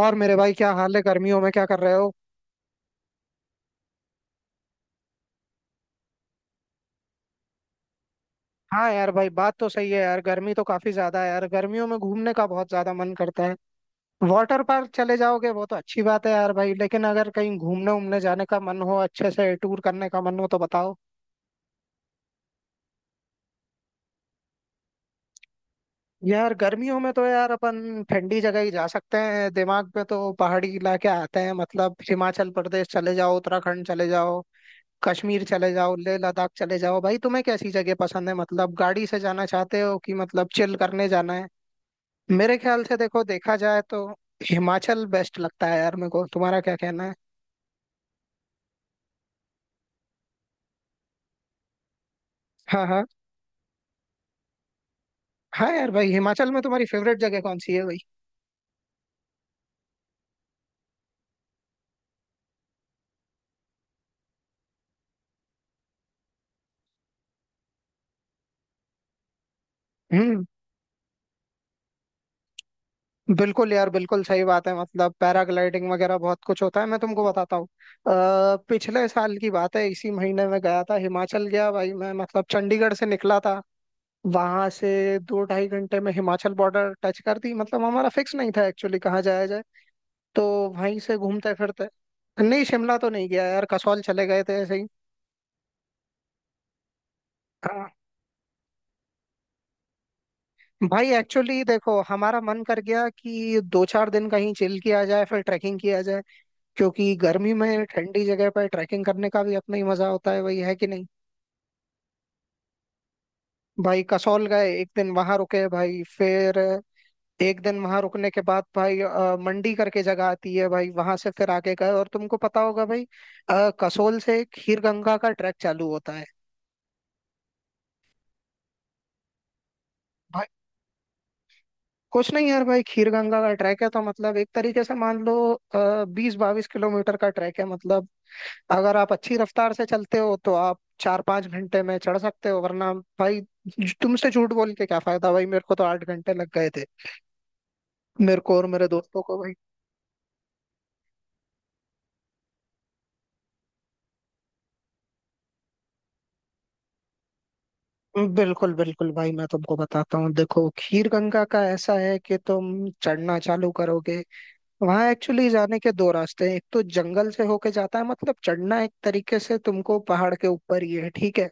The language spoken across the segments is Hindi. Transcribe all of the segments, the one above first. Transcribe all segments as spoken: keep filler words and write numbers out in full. और मेरे भाई, क्या हाल है? गर्मियों में क्या कर रहे हो? हाँ यार भाई, बात तो सही है यार। गर्मी तो काफी ज्यादा है यार। गर्मियों में घूमने का बहुत ज्यादा मन करता है। वाटर पार्क चले जाओगे, वो तो अच्छी बात है यार भाई, लेकिन अगर कहीं घूमने उमने जाने का मन हो, अच्छे से टूर करने का मन हो तो बताओ। यार गर्मियों में तो यार अपन ठंडी जगह ही जा सकते हैं। दिमाग में तो पहाड़ी इलाके आते हैं। मतलब हिमाचल प्रदेश चले जाओ, उत्तराखंड चले जाओ, कश्मीर चले जाओ, लेह लद्दाख चले जाओ। भाई तुम्हें कैसी जगह पसंद है? मतलब गाड़ी से जाना चाहते हो कि मतलब चिल करने जाना है? मेरे ख्याल से देखो, देखा जाए तो हिमाचल बेस्ट लगता है यार मेरे को। तुम्हारा क्या कहना है? हाँ हाँ। हाँ यार भाई, हिमाचल में तुम्हारी फेवरेट जगह कौन सी है भाई? हम्म। बिल्कुल यार, बिल्कुल सही बात है। मतलब पैराग्लाइडिंग वगैरह बहुत कुछ होता है, मैं तुमको बताता हूँ। अ, पिछले साल की बात है, इसी महीने में गया था, हिमाचल गया भाई मैं। मतलब चंडीगढ़ से निकला था। वहां से दो ढाई घंटे में हिमाचल बॉर्डर टच कर दी। मतलब हमारा फिक्स नहीं था एक्चुअली कहाँ जाया जाए, तो वहीं से घूमते फिरते। नहीं, शिमला तो नहीं गया यार, कसौल चले गए थे ऐसे ही। हाँ। भाई एक्चुअली देखो, हमारा मन कर गया कि दो चार दिन कहीं चिल किया जाए, फिर ट्रैकिंग किया जाए। क्योंकि गर्मी में ठंडी जगह पर ट्रैकिंग करने का भी अपना ही मजा होता है, वही है कि नहीं? भाई कसौल गए, एक दिन वहां रुके भाई। फिर एक दिन वहां रुकने के बाद भाई, अ, मंडी करके जगह आती है भाई, वहां से फिर आगे गए। और तुमको पता होगा भाई, अ, कसौल से खीर गंगा का ट्रैक चालू होता है। भाई कुछ नहीं यार भाई, खीर गंगा का ट्रैक है तो मतलब एक तरीके से मान लो बीस बाईस किलोमीटर का ट्रैक है मतलब। अगर आप अच्छी रफ्तार से चलते हो तो आप चार पांच घंटे में चढ़ सकते हो, वरना भाई तुमसे झूठ बोल के क्या फायदा भाई, मेरे को तो आठ घंटे लग गए थे, मेरे को और मेरे दोस्तों को भाई। बिल्कुल बिल्कुल भाई, मैं तुमको बताता हूँ। देखो खीर गंगा का ऐसा है कि तुम चढ़ना चालू करोगे, वहां एक्चुअली जाने के दो रास्ते हैं। एक तो जंगल से होके जाता है, मतलब चढ़ना एक तरीके से तुमको पहाड़ के ऊपर ही है, ठीक है?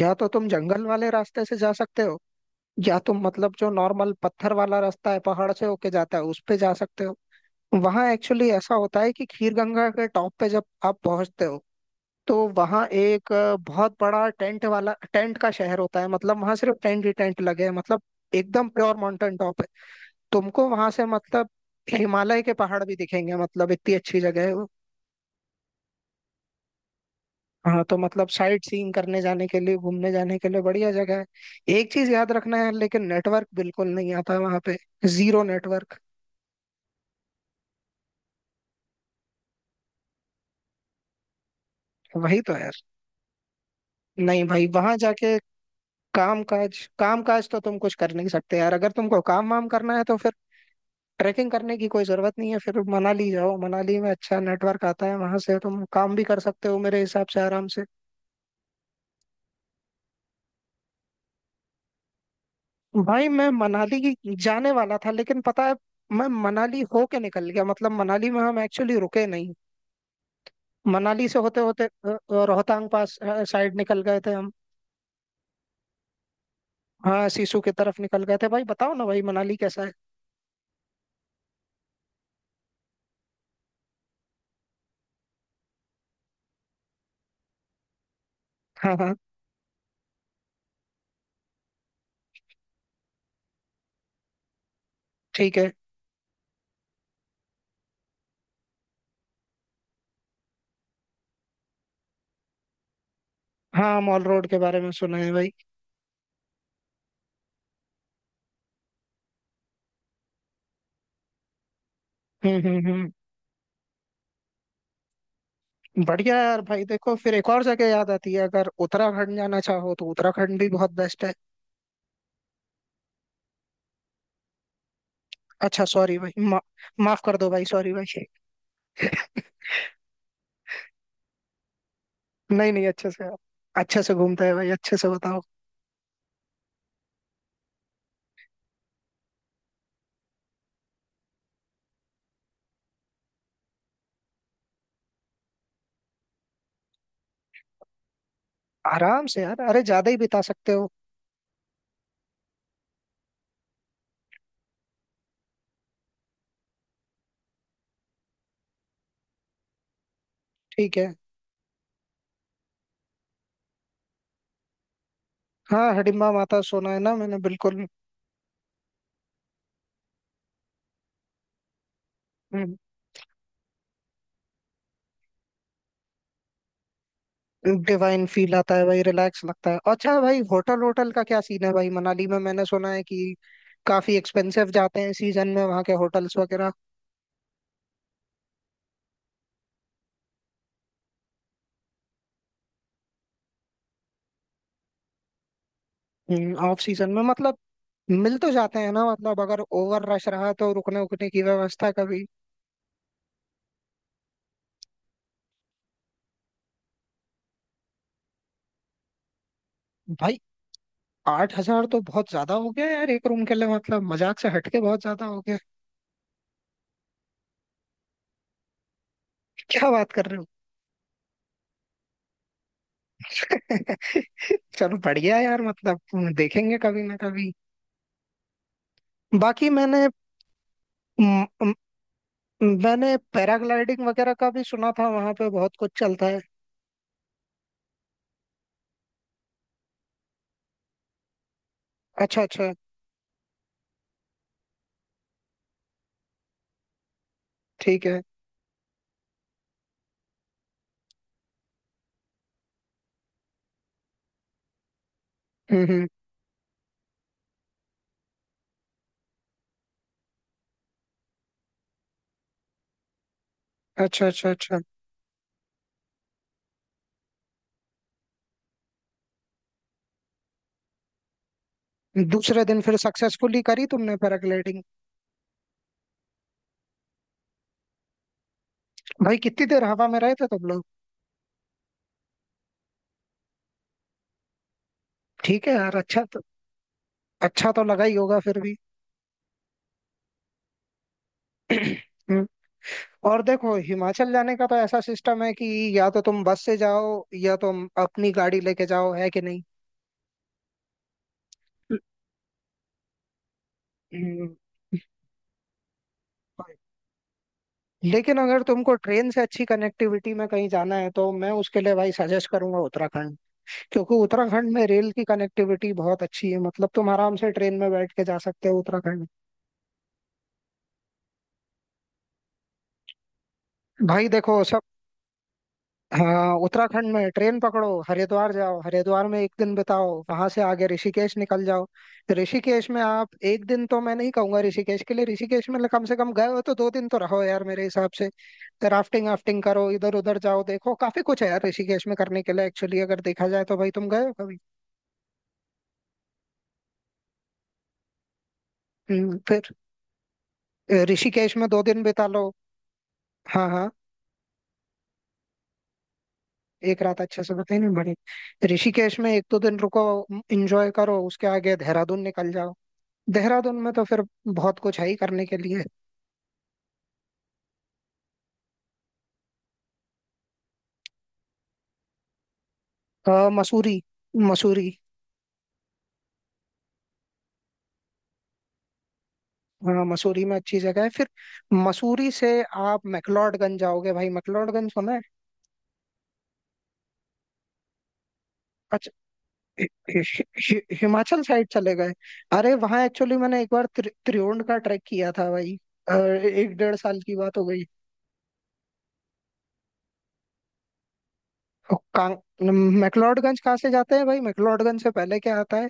या तो तुम जंगल वाले रास्ते से जा सकते हो, या तुम मतलब जो नॉर्मल पत्थर वाला रास्ता है पहाड़ से होके जाता है उस पे जा सकते हो। वहां एक्चुअली ऐसा होता है कि खीर गंगा के टॉप पे जब आप पहुंचते हो तो वहां एक अ, बहुत बड़ा टेंट वाला, टेंट का शहर होता है। मतलब वहां सिर्फ टेंट ही टेंट लगे हैं मतलब। एकदम प्योर माउंटेन टॉप है। तुमको वहां से मतलब हिमालय के पहाड़ भी दिखेंगे, मतलब इतनी अच्छी जगह है वो। हाँ, तो मतलब साइट सीइंग करने जाने के लिए, घूमने जाने के लिए बढ़िया जगह है। एक चीज याद रखना है लेकिन, नेटवर्क बिल्कुल नहीं आता वहां पे। Zero network. वही तो यार। नहीं भाई, वहां जाके काम काज काम काज तो तुम कुछ कर नहीं सकते यार। अगर तुमको काम वाम करना है तो फिर ट्रैकिंग करने की कोई जरूरत नहीं है, फिर मनाली जाओ। मनाली में अच्छा नेटवर्क आता है, वहां से तुम काम भी कर सकते हो मेरे हिसाब से आराम से। भाई मैं मनाली की जाने वाला था, लेकिन पता है, मैं मनाली होके निकल गया। मतलब मनाली में हम एक्चुअली रुके नहीं। मनाली से होते होते अ, अ, रोहतांग पास साइड निकल गए थे हम। हाँ सिसु की तरफ निकल गए थे भाई। बताओ ना भाई, मनाली कैसा है? हाँ हाँ। ठीक है। हाँ, मॉल रोड के बारे में सुना है भाई। हम्म हम्म हम्म। बढ़िया है यार भाई। देखो फिर एक और जगह याद आती है, अगर उत्तराखंड जाना चाहो तो उत्तराखंड भी बहुत बेस्ट है। अच्छा सॉरी भाई, मा, माफ कर दो भाई, सॉरी भाई। नहीं नहीं, अच्छे से आप, अच्छे से घूमते हैं भाई, अच्छे से बताओ। आराम से यार, अरे ज्यादा ही बिता सकते हो। ठीक है। हाँ, हिडिंबा माता सोना है ना, मैंने बिल्कुल। डिवाइन फील आता है भाई, रिलैक्स लगता है। अच्छा भाई, होटल होटल का क्या सीन है भाई मनाली में? मैंने सुना है कि काफी एक्सपेंसिव जाते हैं सीजन में, वहाँ के होटल्स वगैरह। ऑफ सीजन में मतलब मिल तो जाते हैं ना? मतलब अगर ओवर रश रहा तो रुकने उकने की व्यवस्था कभी। भाई आठ हजार तो बहुत ज्यादा हो गया यार एक रूम के लिए, मतलब मजाक से हटके बहुत ज्यादा हो गया। क्या बात कर रहे हो? चलो बढ़िया यार, मतलब देखेंगे कभी ना कभी। बाकी मैंने म, म, मैंने पैराग्लाइडिंग वगैरह का भी सुना था, वहां पे बहुत कुछ चलता है। अच्छा अच्छा। ठीक है। हम्म हम्म। अच्छा अच्छा अच्छा। दूसरे दिन फिर सक्सेसफुली करी तुमने पैराग्लाइडिंग? भाई कितनी देर हवा में रहे थे तुम लोग? ठीक है यार। अच्छा तो अच्छा तो लगा ही होगा फिर भी। हम्म। और देखो, हिमाचल जाने का तो ऐसा सिस्टम है कि या तो तुम बस से जाओ, या तुम अपनी गाड़ी लेके जाओ, है कि नहीं? हम्म। लेकिन अगर तुमको ट्रेन से अच्छी कनेक्टिविटी में कहीं जाना है तो मैं उसके लिए भाई सजेस्ट करूंगा उत्तराखंड। क्योंकि उत्तराखंड में रेल की कनेक्टिविटी बहुत अच्छी है, मतलब तुम आराम से ट्रेन में बैठ के जा सकते हो उत्तराखंड। भाई देखो सब। हाँ, उत्तराखंड में ट्रेन पकड़ो, हरिद्वार जाओ, हरिद्वार में एक दिन बिताओ, वहां से आगे ऋषिकेश निकल जाओ। ऋषिकेश में आप एक दिन तो मैं नहीं कहूंगा ऋषिकेश के लिए, ऋषिकेश में कम से कम गए हो तो दो दिन तो रहो यार मेरे हिसाब से। राफ्टिंग वाफ्टिंग करो, इधर उधर जाओ, देखो काफी कुछ है यार ऋषिकेश में करने के लिए एक्चुअली, अगर देखा जाए तो। भाई तुम गए हो कभी? हम्म, फिर अ, ऋषिकेश में दो दिन बिता लो। हाँ हाँ। एक रात अच्छे से बताई नहीं बड़ी। ऋषिकेश में एक दो दिन रुको, एंजॉय करो, उसके आगे देहरादून निकल जाओ। देहरादून में तो फिर बहुत कुछ है ही करने के लिए। अ, मसूरी। मसूरी। हाँ मसूरी में अच्छी जगह है। फिर मसूरी से आप मैक्लोडगंज जाओगे भाई। मैक्लोडगंज सुना है? अच्छा। हि- हि- हि- हिमाचल साइड चले गए। अरे वहाँ एक्चुअली मैंने एक बार त्रि, त्रिउंड का ट्रैक किया था भाई। अ, एक डेढ़ साल की बात हो गई। और कां- मैक्लोडगंज कहाँ से जाते हैं भाई? मैक्लोडगंज से पहले क्या आता है?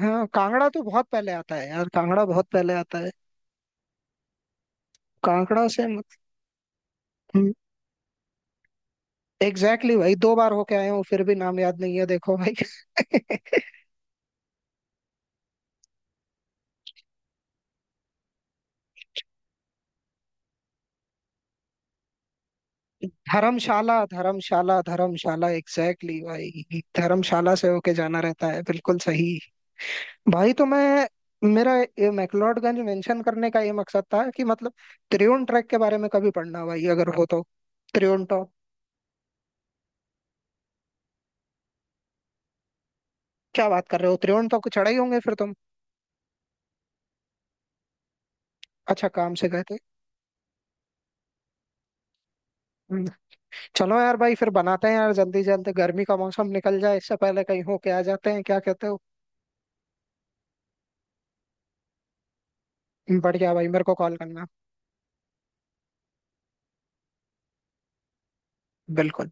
हाँ कांगड़ा तो बहुत पहले आता है यार, कांगड़ा बहुत पहले आता है। कांगड़ा से मत- हम्म। एग्जैक्टली exactly भाई, दो बार होके आया हूँ फिर भी नाम याद नहीं है, देखो भाई। धर्मशाला धर्मशाला धर्मशाला, एग्जैक्टली exactly भाई, धर्मशाला से होके जाना रहता है बिल्कुल सही। भाई तो मैं मेरा ये मैक्लोडगंज मेंशन करने का ये मकसद था कि मतलब त्रिउंड ट्रैक के बारे में कभी पढ़ना भाई अगर हो तो। त्रिउंड टॉप, क्या बात कर रहे हो? त्रिउंड टॉप को चढ़ा ही होंगे फिर तुम। अच्छा काम से गए थे। हम्म, चलो यार भाई, फिर बनाते हैं यार जल्दी जल्दी। गर्मी का मौसम निकल जाए इससे पहले कहीं होके आ जाते हैं, क्या कहते हो? बढ़िया भाई, मेरे को कॉल करना। बिल्कुल।